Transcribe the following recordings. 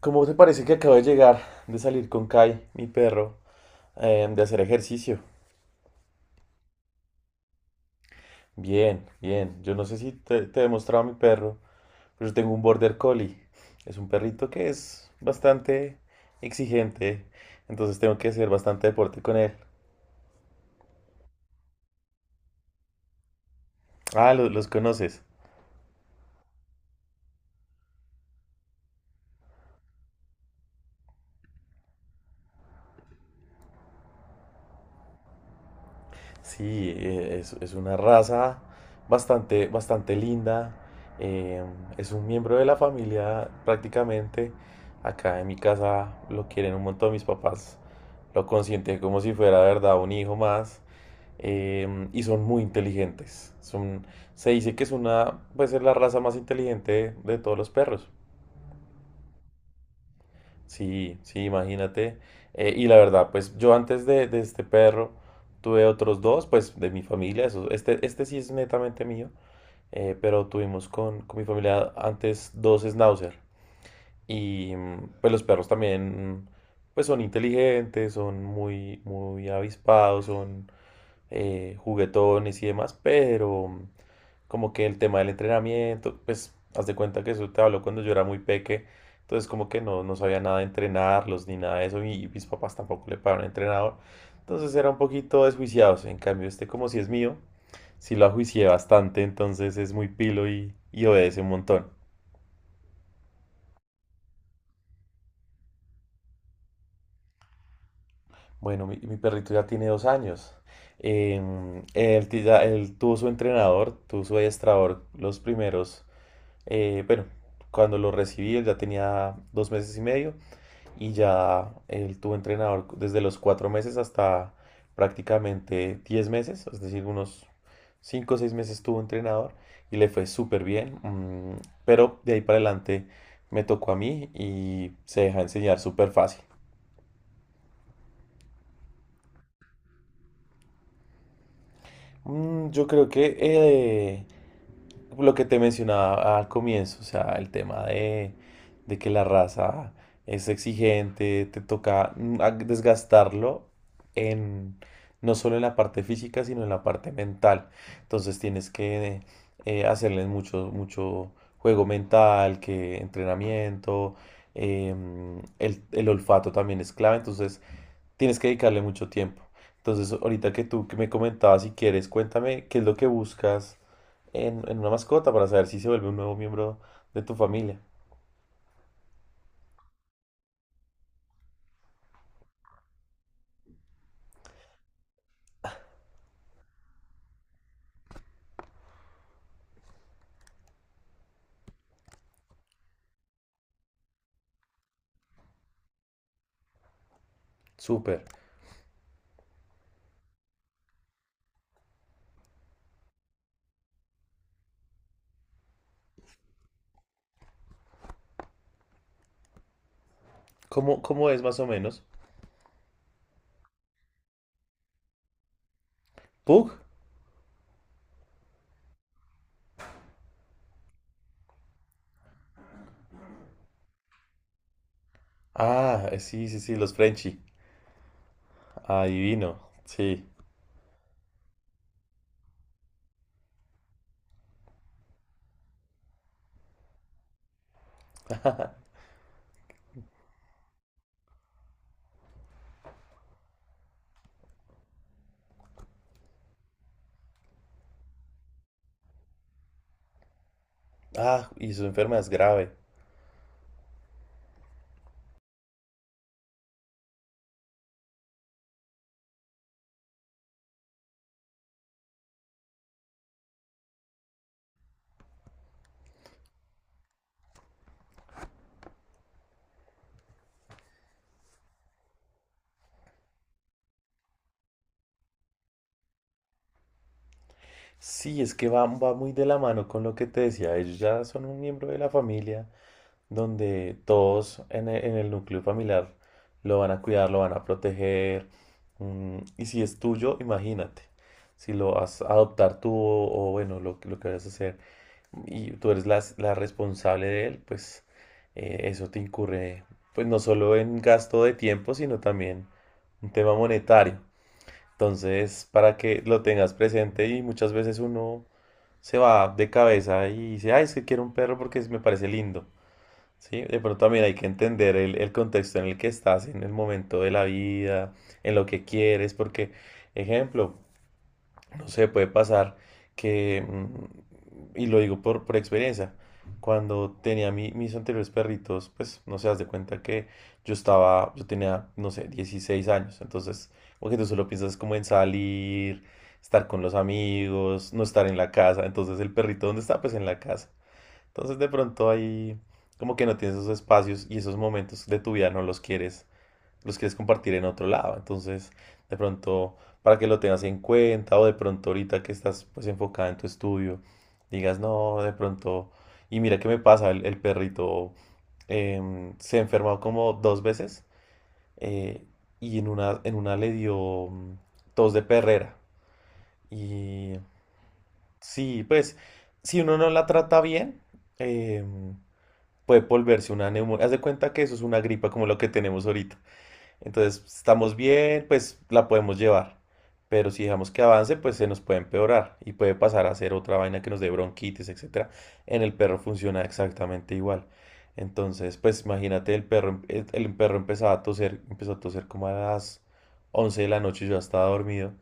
¿Cómo te parece que acabo de llegar de salir con Kai, mi perro, de hacer ejercicio? Bien, bien. Yo no sé si te he mostrado a mi perro, pero yo tengo un Border Collie. Es un perrito que es bastante exigente, entonces tengo que hacer bastante deporte con él. Ah, los conoces. Sí, es una raza bastante linda. eh, es un miembro de la familia prácticamente. Acá en mi casa lo quieren un montón. Mis papás lo consienten como si fuera, de verdad, un hijo más. Y son muy inteligentes. Son, se dice que pues es la raza más inteligente de todos los perros. Sí, sí, imagínate. Y la verdad, pues yo de este perro tuve otros dos, pues de mi familia, eso, este sí es netamente mío, pero tuvimos con mi familia antes dos schnauzer. Y pues los perros también, pues son inteligentes, son muy avispados, son juguetones y demás, pero... como que el tema del entrenamiento, pues haz de cuenta que eso te habló cuando yo era muy peque, entonces como que no sabía nada de entrenarlos ni nada de eso y mis papás tampoco le pagaron entrenador, entonces era un poquito desjuiciados, en cambio este como si es mío, sí lo ajuicié bastante, entonces es muy pilo y obedece un montón. Bueno, mi perrito ya tiene 2 años. Él tuvo su entrenador, tuvo su adiestrador los primeros, bueno, cuando lo recibí él ya tenía 2 meses y medio y ya él tuvo entrenador desde los 4 meses hasta prácticamente 10 meses, es decir, unos 5 o 6 meses tuvo entrenador y le fue súper bien, pero de ahí para adelante me tocó a mí y se deja enseñar súper fácil. Yo creo que lo que te mencionaba al comienzo, o sea, el tema de que la raza es exigente, te toca desgastarlo en, no solo en la parte física, sino en la parte mental. Entonces tienes que hacerles mucho juego mental, que entrenamiento, el olfato también es clave. Entonces, tienes que dedicarle mucho tiempo. Entonces, ahorita que tú que me comentabas, si quieres, cuéntame qué es lo que buscas en una mascota para saber si se vuelve un nuevo miembro de tu familia. Súper. ¿Cómo, cómo es más o menos? ¿Pug? Ah, sí, sí, sí, los Frenchie. Adivino, sí. Ah, y su enfermedad es grave. Sí, es que va muy de la mano con lo que te decía. Ellos ya son un miembro de la familia, donde todos en en el núcleo familiar lo van a cuidar, lo van a proteger. Y si es tuyo, imagínate, si lo vas a adoptar tú o bueno, lo que vayas a hacer y tú eres la responsable de él, pues eso te incurre, pues no solo en gasto de tiempo, sino también un tema monetario. Entonces, para que lo tengas presente y muchas veces uno se va de cabeza y dice, ay, es que quiero un perro porque me parece lindo. Sí, de pronto también hay que entender el contexto en el que estás, en el momento de la vida, en lo que quieres, porque, ejemplo, no sé, puede pasar que, y lo digo por experiencia, cuando tenía mis anteriores perritos, pues, no sé, haz de cuenta que yo estaba, yo tenía, no sé, 16 años, entonces, porque tú solo piensas como en salir, estar con los amigos, no estar en la casa, entonces el perrito, ¿dónde está? Pues en la casa. Entonces de pronto ahí como que no tienes esos espacios y esos momentos de tu vida no los quieres, los quieres compartir en otro lado. Entonces de pronto para que lo tengas en cuenta o de pronto ahorita que estás pues enfocada en tu estudio, digas no, de pronto... Y mira qué me pasa, el perrito se enfermó como dos veces eh, y en una le dio tos de perrera. Y sí, pues si uno no la trata bien, em, puede volverse una neumonía. Haz de cuenta que eso es una gripa como lo que tenemos ahorita. Entonces, estamos bien, pues la podemos llevar. Pero si dejamos que avance, pues se nos puede empeorar y puede pasar a ser otra vaina que nos dé bronquitis, etcétera. En el perro funciona exactamente igual. Entonces, pues imagínate, el perro empezaba a toser, empezó a toser como a las 11 de la noche, yo ya estaba dormido.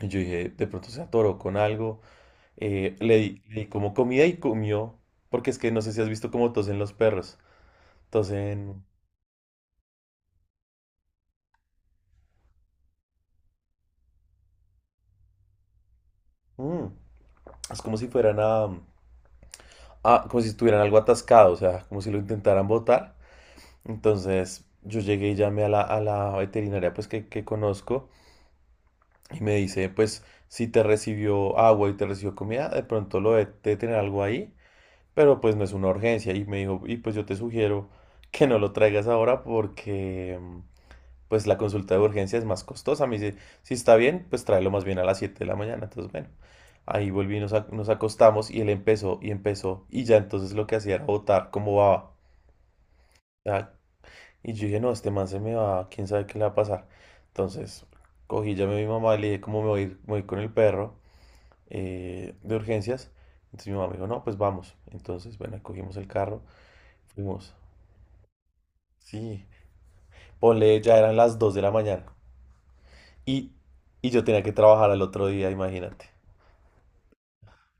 Y yo dije, de pronto se atoró con algo. Le di como comida y comió, porque es que no sé si has visto cómo tosen los perros. Entonces, mm, es como si fueran como si estuvieran algo atascado, o sea, como si lo intentaran botar. Entonces, yo llegué y llamé a a la veterinaria pues que conozco y me dice, pues, si te recibió agua y te recibió comida, de pronto lo de tener algo ahí, pero pues no es una urgencia. Y me dijo, y pues yo te sugiero que no lo traigas ahora porque... pues la consulta de urgencia es más costosa. Me dice, si si está bien, pues tráelo más bien a las 7 de la mañana. Entonces, bueno, ahí volví, nos acostamos y él empezó y empezó. Y ya entonces lo que hacía era botar como baba. Ya, y yo dije, no, este man se me va, quién sabe qué le va a pasar. Entonces, cogí, llamé a mi mamá y le dije, ¿cómo me voy con el perro de urgencias? Entonces mi mamá me dijo, no, pues vamos. Entonces, bueno, cogimos el carro, fuimos. Sí, ponle, ya eran las 2 de la mañana. Y, y yo tenía que trabajar al otro día, imagínate.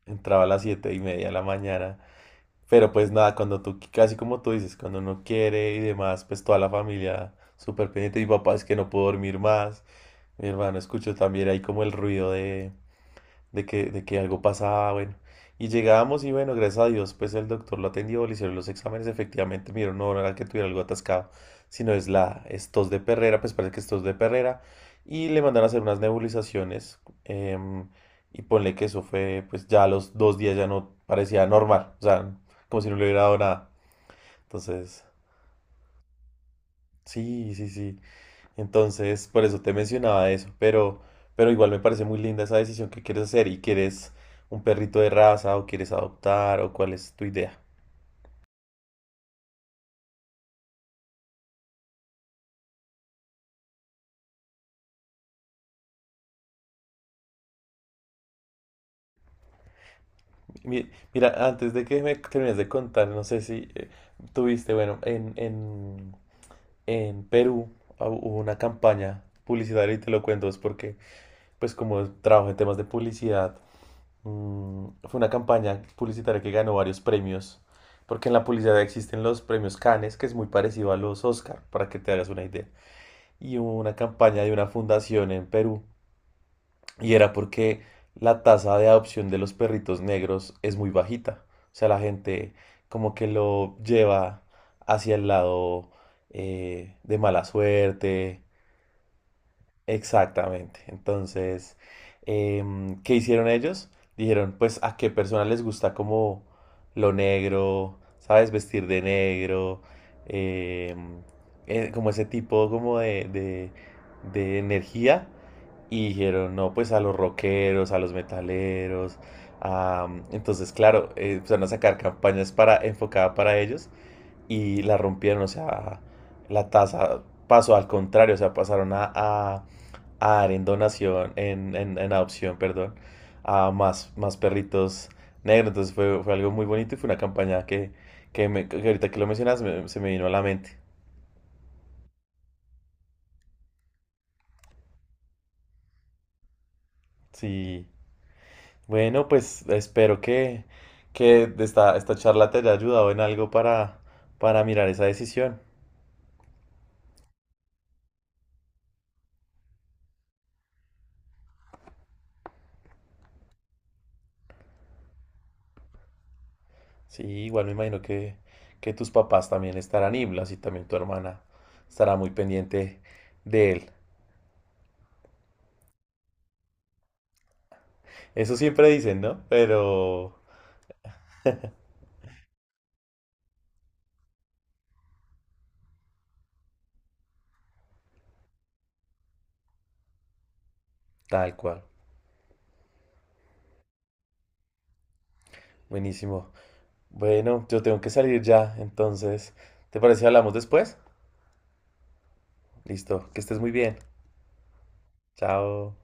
Entraba a las 7:30 de la mañana. Pero pues nada, cuando tú, casi como tú dices, cuando uno quiere y demás, pues toda la familia súper pendiente. Mi papá es que no puedo dormir más. Mi hermano escuchó también ahí como el ruido de, de que algo pasaba, bueno. Y llegábamos y bueno, gracias a Dios, pues el doctor lo atendió, le hicieron los exámenes, efectivamente, me no, no era que tuviera algo atascado, sino es tos de perrera, pues parece que es tos de perrera, y le mandaron a hacer unas nebulizaciones, y ponle que eso fue, pues ya a los 2 días ya no parecía normal, o sea, como si no le hubiera dado nada. Entonces, sí, sí, sí. Entonces, por eso te mencionaba eso, pero igual me parece muy linda esa decisión que quieres hacer y quieres un perrito de raza o quieres adoptar o cuál es tu idea. Mira, antes de que me termines de contar, no sé si tuviste, bueno, en Perú ah, hubo una campaña publicitaria y te lo cuento, es porque pues como trabajo en temas de publicidad, fue una campaña publicitaria que ganó varios premios, porque en la publicidad existen los premios Cannes, que es muy parecido a los Oscar, para que te hagas una idea. Y hubo una campaña de una fundación en Perú, y era porque la tasa de adopción de los perritos negros es muy bajita. O sea, la gente como que lo lleva hacia el lado de mala suerte. Exactamente. Entonces, ¿qué hicieron ellos? Dijeron, pues, ¿a qué persona les gusta como lo negro? ¿Sabes? Vestir de negro. em, Como ese tipo como de energía. Y dijeron, no, pues a los rockeros, a los metaleros. Entonces, claro, empezaron a sacar campañas para, enfocadas para ellos y la rompieron, o sea, la tasa pasó al contrario, o sea, pasaron a dar en donación, en adopción, perdón, a más, más perritos negros. Entonces fue, fue algo muy bonito y fue una campaña que ahorita que lo mencionas se me vino a la mente. Sí. Bueno, pues espero que esta charla te haya ayudado en algo para mirar esa decisión. Sí, igual me imagino que tus papás también estarán iblas y también tu hermana estará muy pendiente de él. Eso siempre dicen, ¿no? Pero tal cual. Buenísimo. Bueno, yo tengo que salir ya, entonces, ¿te parece si hablamos después? Listo, que estés muy bien. Chao.